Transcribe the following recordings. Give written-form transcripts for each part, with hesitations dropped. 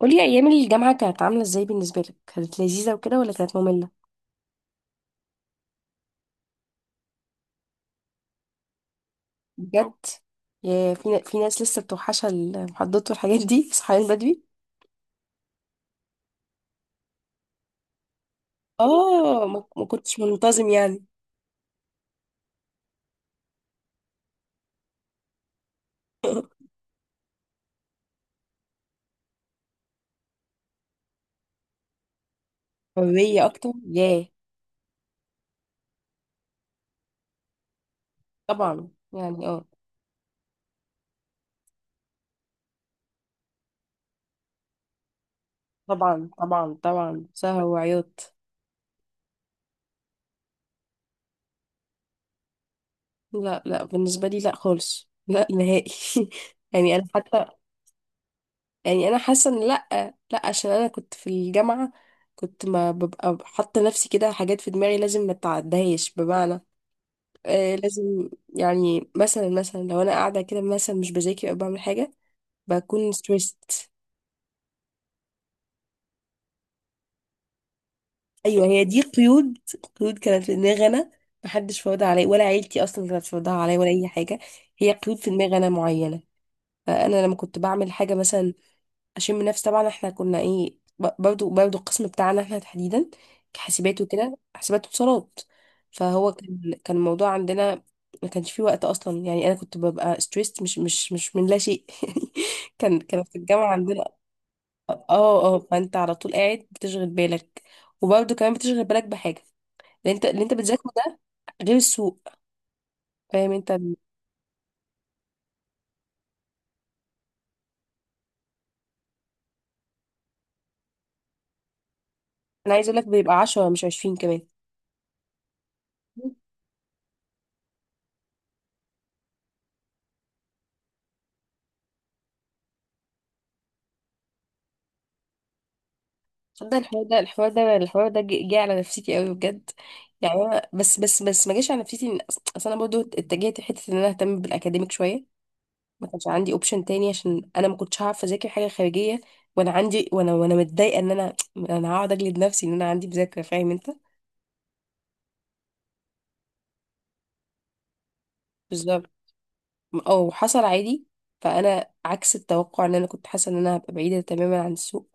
قولي، ايام الجامعه كانت عامله ازاي بالنسبه لك؟ كانت لذيذه وكده ولا كانت ممله؟ بجد؟ يا في ناس لسه بتوحشها المحاضرات والحاجات دي صحيان بدري؟ اه ما كنتش منتظم يعني. حريه اكتر ياه. طبعا يعني طبعا طبعا طبعا، سهر وعياط. لا لا، بالنسبه لي لا خالص لا نهائي. يعني انا حتى يعني انا حاسه ان لا. لا، عشان انا كنت في الجامعه كنت ما ببقى حاطه نفسي كده، حاجات في دماغي لازم ما اتعدهاش، بمعنى لازم، يعني مثلا لو انا قاعده كده مثلا مش بذاكر او بعمل حاجه، بكون ستريسد. ايوه هي دي قيود. قيود كانت في دماغي انا، محدش فرضها عليا، ولا عيلتي اصلا كانت فرضها عليا ولا اي حاجه. هي قيود في دماغي انا معينه، فانا لما كنت بعمل حاجه مثلا اشم نفس. طبعا احنا كنا ايه، برضو القسم بتاعنا احنا تحديدا كحاسبات وكده، حاسبات واتصالات، فهو كان الموضوع عندنا ما كانش فيه وقت اصلا. يعني انا كنت ببقى ستريسد مش من لا شيء يعني. كان في الجامعه عندنا. اه اه، فانت على طول قاعد بتشغل بالك، وبرضو كمان بتشغل بالك بحاجه، اللي انت بتذاكره ده، غير السوق. فاهم انت. انا عايز اقول لك بيبقى 10 مش 20 كمان. ده الحوار ده جه على نفسيتي قوي بجد. يعني أنا بس ما جاش على نفسيتي اصل انا برضو اتجهت لحته ان انا اهتم بالاكاديميك شويه. ما كانش عندي اوبشن تاني عشان انا ما كنتش هعرف اذاكر حاجه خارجيه وانا عندي، وانا متضايقه ان انا هقعد اجلد نفسي ان انا عندي مذاكره. فاهم انت. بالظبط او حصل عادي. فانا عكس التوقع، ان انا كنت حاسه ان انا هبقى بعيده تماما عن السوق.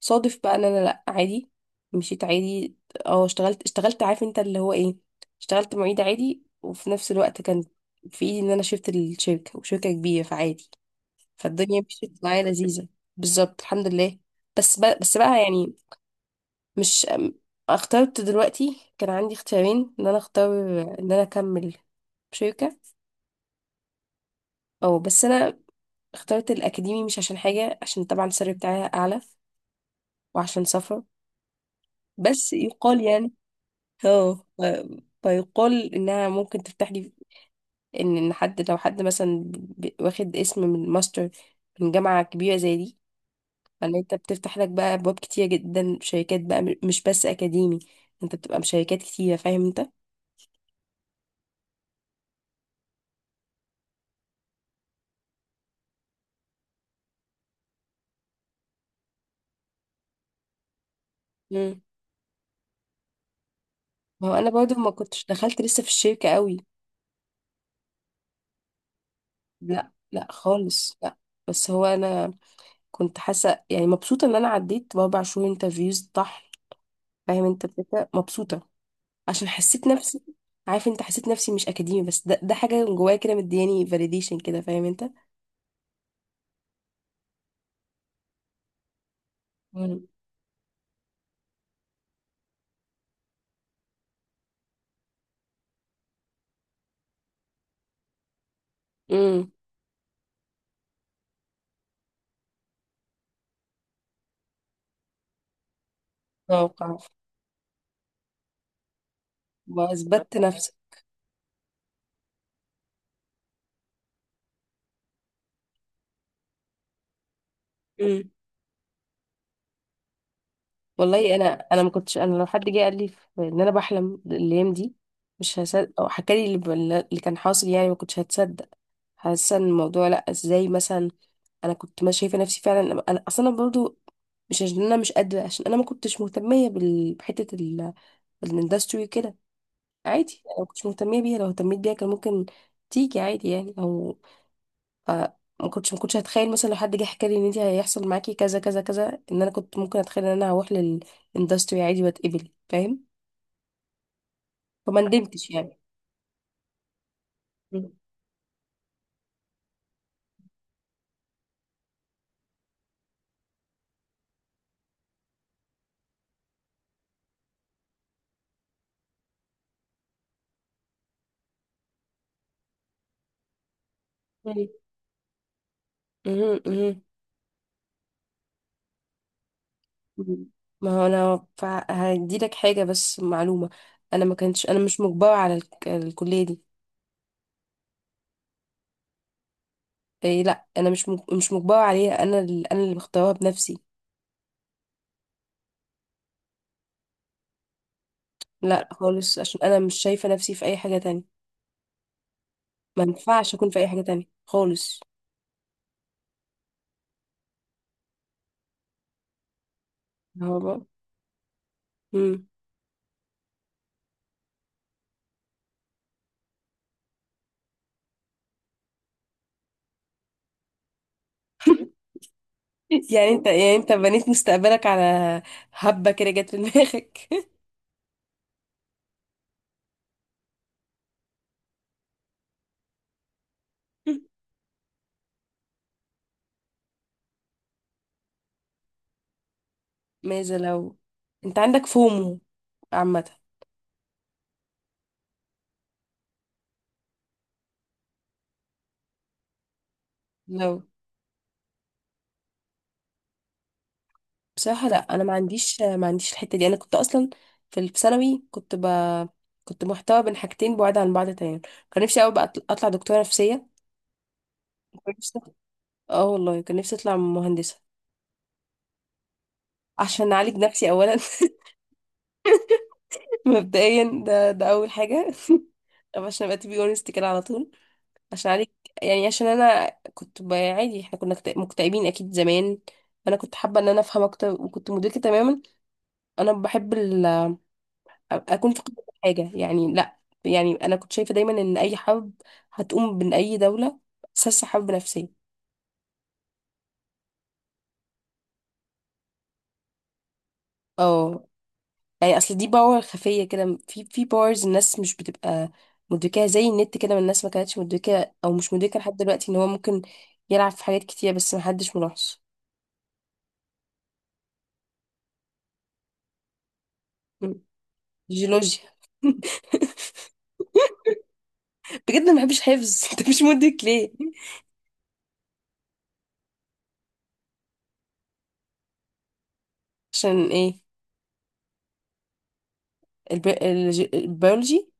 صادف بقى ان انا لا، عادي، مشيت عادي. اه، اشتغلت عارف انت اللي هو ايه، اشتغلت معيد عادي، وفي نفس الوقت كان في ايدي ان انا شفت الشركة، وشركة كبيرة، فعادي، فالدنيا مشيت معايا لذيذة. بالظبط الحمد لله. بس بقى يعني مش ام- اخترت دلوقتي، كان عندي اختيارين ان انا اختار ان انا اكمل شركة او، بس انا اخترت الاكاديمي. مش عشان حاجة، عشان طبعا السالري بتاعي اعلى، وعشان سفر، بس يقال يعني اه ف- فيقال انها ممكن تفتح لي، ان حد، لو حد مثلا واخد اسم من ماستر من جامعة كبيرة زي دي، فان انت بتفتح لك بقى ابواب كتير جدا، شركات بقى مش بس اكاديمي، انت بتبقى بشركات كتيرة. فاهم انت. مم. ما هو انا برضو ما كنتش دخلت لسه في الشركة قوي. لا لا خالص لا. بس هو انا كنت حاسة يعني مبسوطة ان انا عديت ب4 شهور انترفيوز طحن. فاهم انت الفكرة مبسوطة، عشان حسيت نفسي، عارف انت، حسيت نفسي مش اكاديمي، بس ده حاجه جوايا كده مدياني فاليديشن كده. فاهم انت. مم. امم اتوقع، واثبتت نفسي. امم والله انا انا ما كنتش، انا لو حد جه قال لي ان انا بحلم الايام دي مش هصدق، او حكى لي اللي كان حاصل يعني ما كنتش هتصدق. حاسه ان الموضوع، لا، ازاي مثلا؟ انا كنت ما شايفه نفسي فعلا، انا اصلا برضو مش عشان انا مش قادره، عشان انا ما كنتش مهتميه الاندستري كده. عادي، لو كنتش مهتمية بيها، لو اهتميت بيها كان ممكن تيجي عادي، يعني او ف ما كنتش هتخيل مثلا لو حد جه حكى لي ان انت هيحصل معاكي كذا كذا كذا، ان انا كنت ممكن اتخيل ان انا هروح للاندستري عادي واتقبل، فاهم. فما ندمتش يعني. مم. مم. مم. مم. مم. ما هو انا هديلك حاجة بس معلومة، انا ما كنتش، انا مش مجبرة على الكلية دي. إيه لا، انا مش مش مجبرة عليها، انا اللي مختارها بنفسي. لا خالص، عشان انا مش شايفة نفسي في اي حاجة تانية، ما ينفعش اكون في اي حاجه تانية خالص. هو بقى. مم. يعني انت بنيت مستقبلك على هبه كده جت في دماغك. ماذا لو؟ انت عندك فومو عامه. لو بصراحه لا، انا ما عنديش الحته دي، انا كنت اصلا في في ثانوي كنت كنت محتوى بين حاجتين بعاد عن بعض تماما. كان نفسي قوي بقى اطلع دكتوره نفسيه، كان نفسي، اه والله كان نفسي اطلع مهندسه. عشان اعالج نفسي اولا مبدئيا. ده اول حاجه. طب عشان ابقى تبي اونست كده على طول، عشان عليك، يعني عشان انا كنت عادي احنا كنا مكتئبين اكيد زمان. انا كنت حابه ان انا افهم اكتر، وكنت مدركه تماما انا بحب اكون في قمه حاجه، يعني لا. يعني انا كنت شايفه دايما ان اي حرب هتقوم من اي دوله اساسها حرب نفسيه. اه. يعني اصل دي باور خفيه كده، في باورز الناس مش بتبقى مدركاها، زي النت كده، ما الناس ما كانتش مدركه او مش مدركه لحد دلوقتي ان هو ممكن يلعب في حاجات كتير بس محدش ملاحظ. جيولوجيا. بجد، أنا ما بحبش حفظ انت مش مدرك ليه؟ عشان ايه؟ البيولوجي.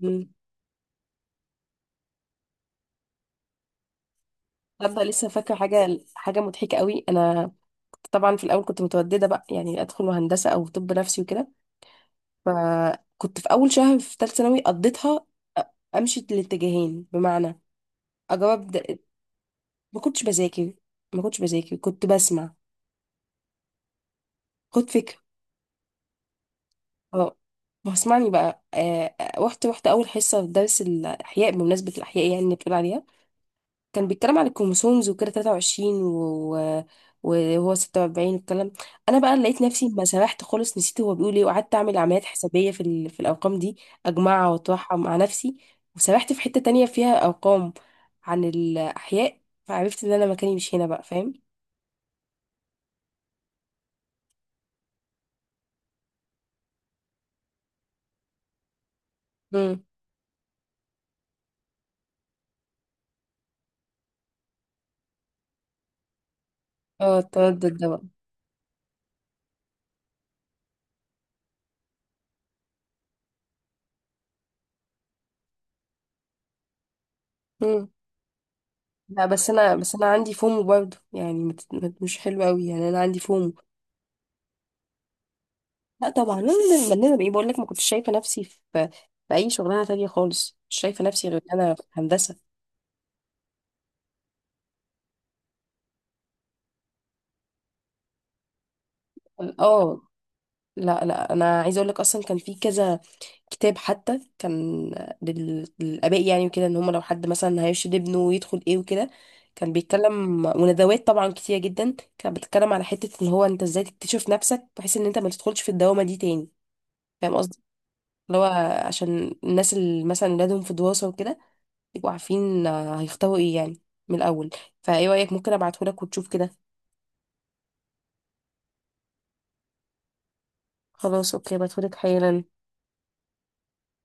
مم. تصدق لسه فاكره حاجه، حاجه مضحكه قوي. انا طبعا في الاول كنت متودده بقى، يعني ادخل هندسه او طب نفسي وكده. فكنت في اول شهر في ثالثه ثانوي قضيتها امشي الاتجاهين، بمعنى اجاوب ما كنتش بذاكر ما كنتش بذاكر كنت بسمع. خد فكره. اه ما اسمعني بقى، رحت اول حصه في درس الاحياء بمناسبه الاحياء يعني اللي بتقول عليها، كان بيتكلم عن الكروموسومز وكده 23 وهو 46 والكلام. انا بقى لقيت نفسي ما سرحت خالص، نسيت هو بيقول ايه، وقعدت اعمل عمليات حسابيه في الارقام دي، اجمعها واطرحها مع نفسي، وسرحت في حته تانية فيها ارقام عن الاحياء، فعرفت ان انا مكاني مش هنا بقى. فاهم. امم اه التردد ده بقى. امم لا، بس انا عندي فومو برضه، يعني مش حلو قوي يعني، انا عندي فومو. لا طبعا لازم بننا بايه، بقول لك ما كنتش شايفه نفسي في في اي شغلانه تانية خالص، مش شايفه نفسي غير إن انا في هندسه. اه. لا لا، انا عايزه اقول لك اصلا كان في كذا كتاب حتى كان للاباء يعني وكده، ان هم لو حد مثلا هيرشد ابنه ويدخل ايه وكده. كان بيتكلم، وندوات طبعا كتير جدا كانت بتتكلم على حته ان هو انت ازاي تكتشف نفسك بحيث ان انت ما تدخلش في الدوامه دي تاني. فاهم قصدي. اللي هو عشان الناس اللي مثلا ولادهم في دراسه وكده يبقوا عارفين هيختاروا ايه يعني من الاول. فايه رايك ممكن ابعتهولك وتشوف كده؟ خلاص اوكي، ابعتهولك حالا.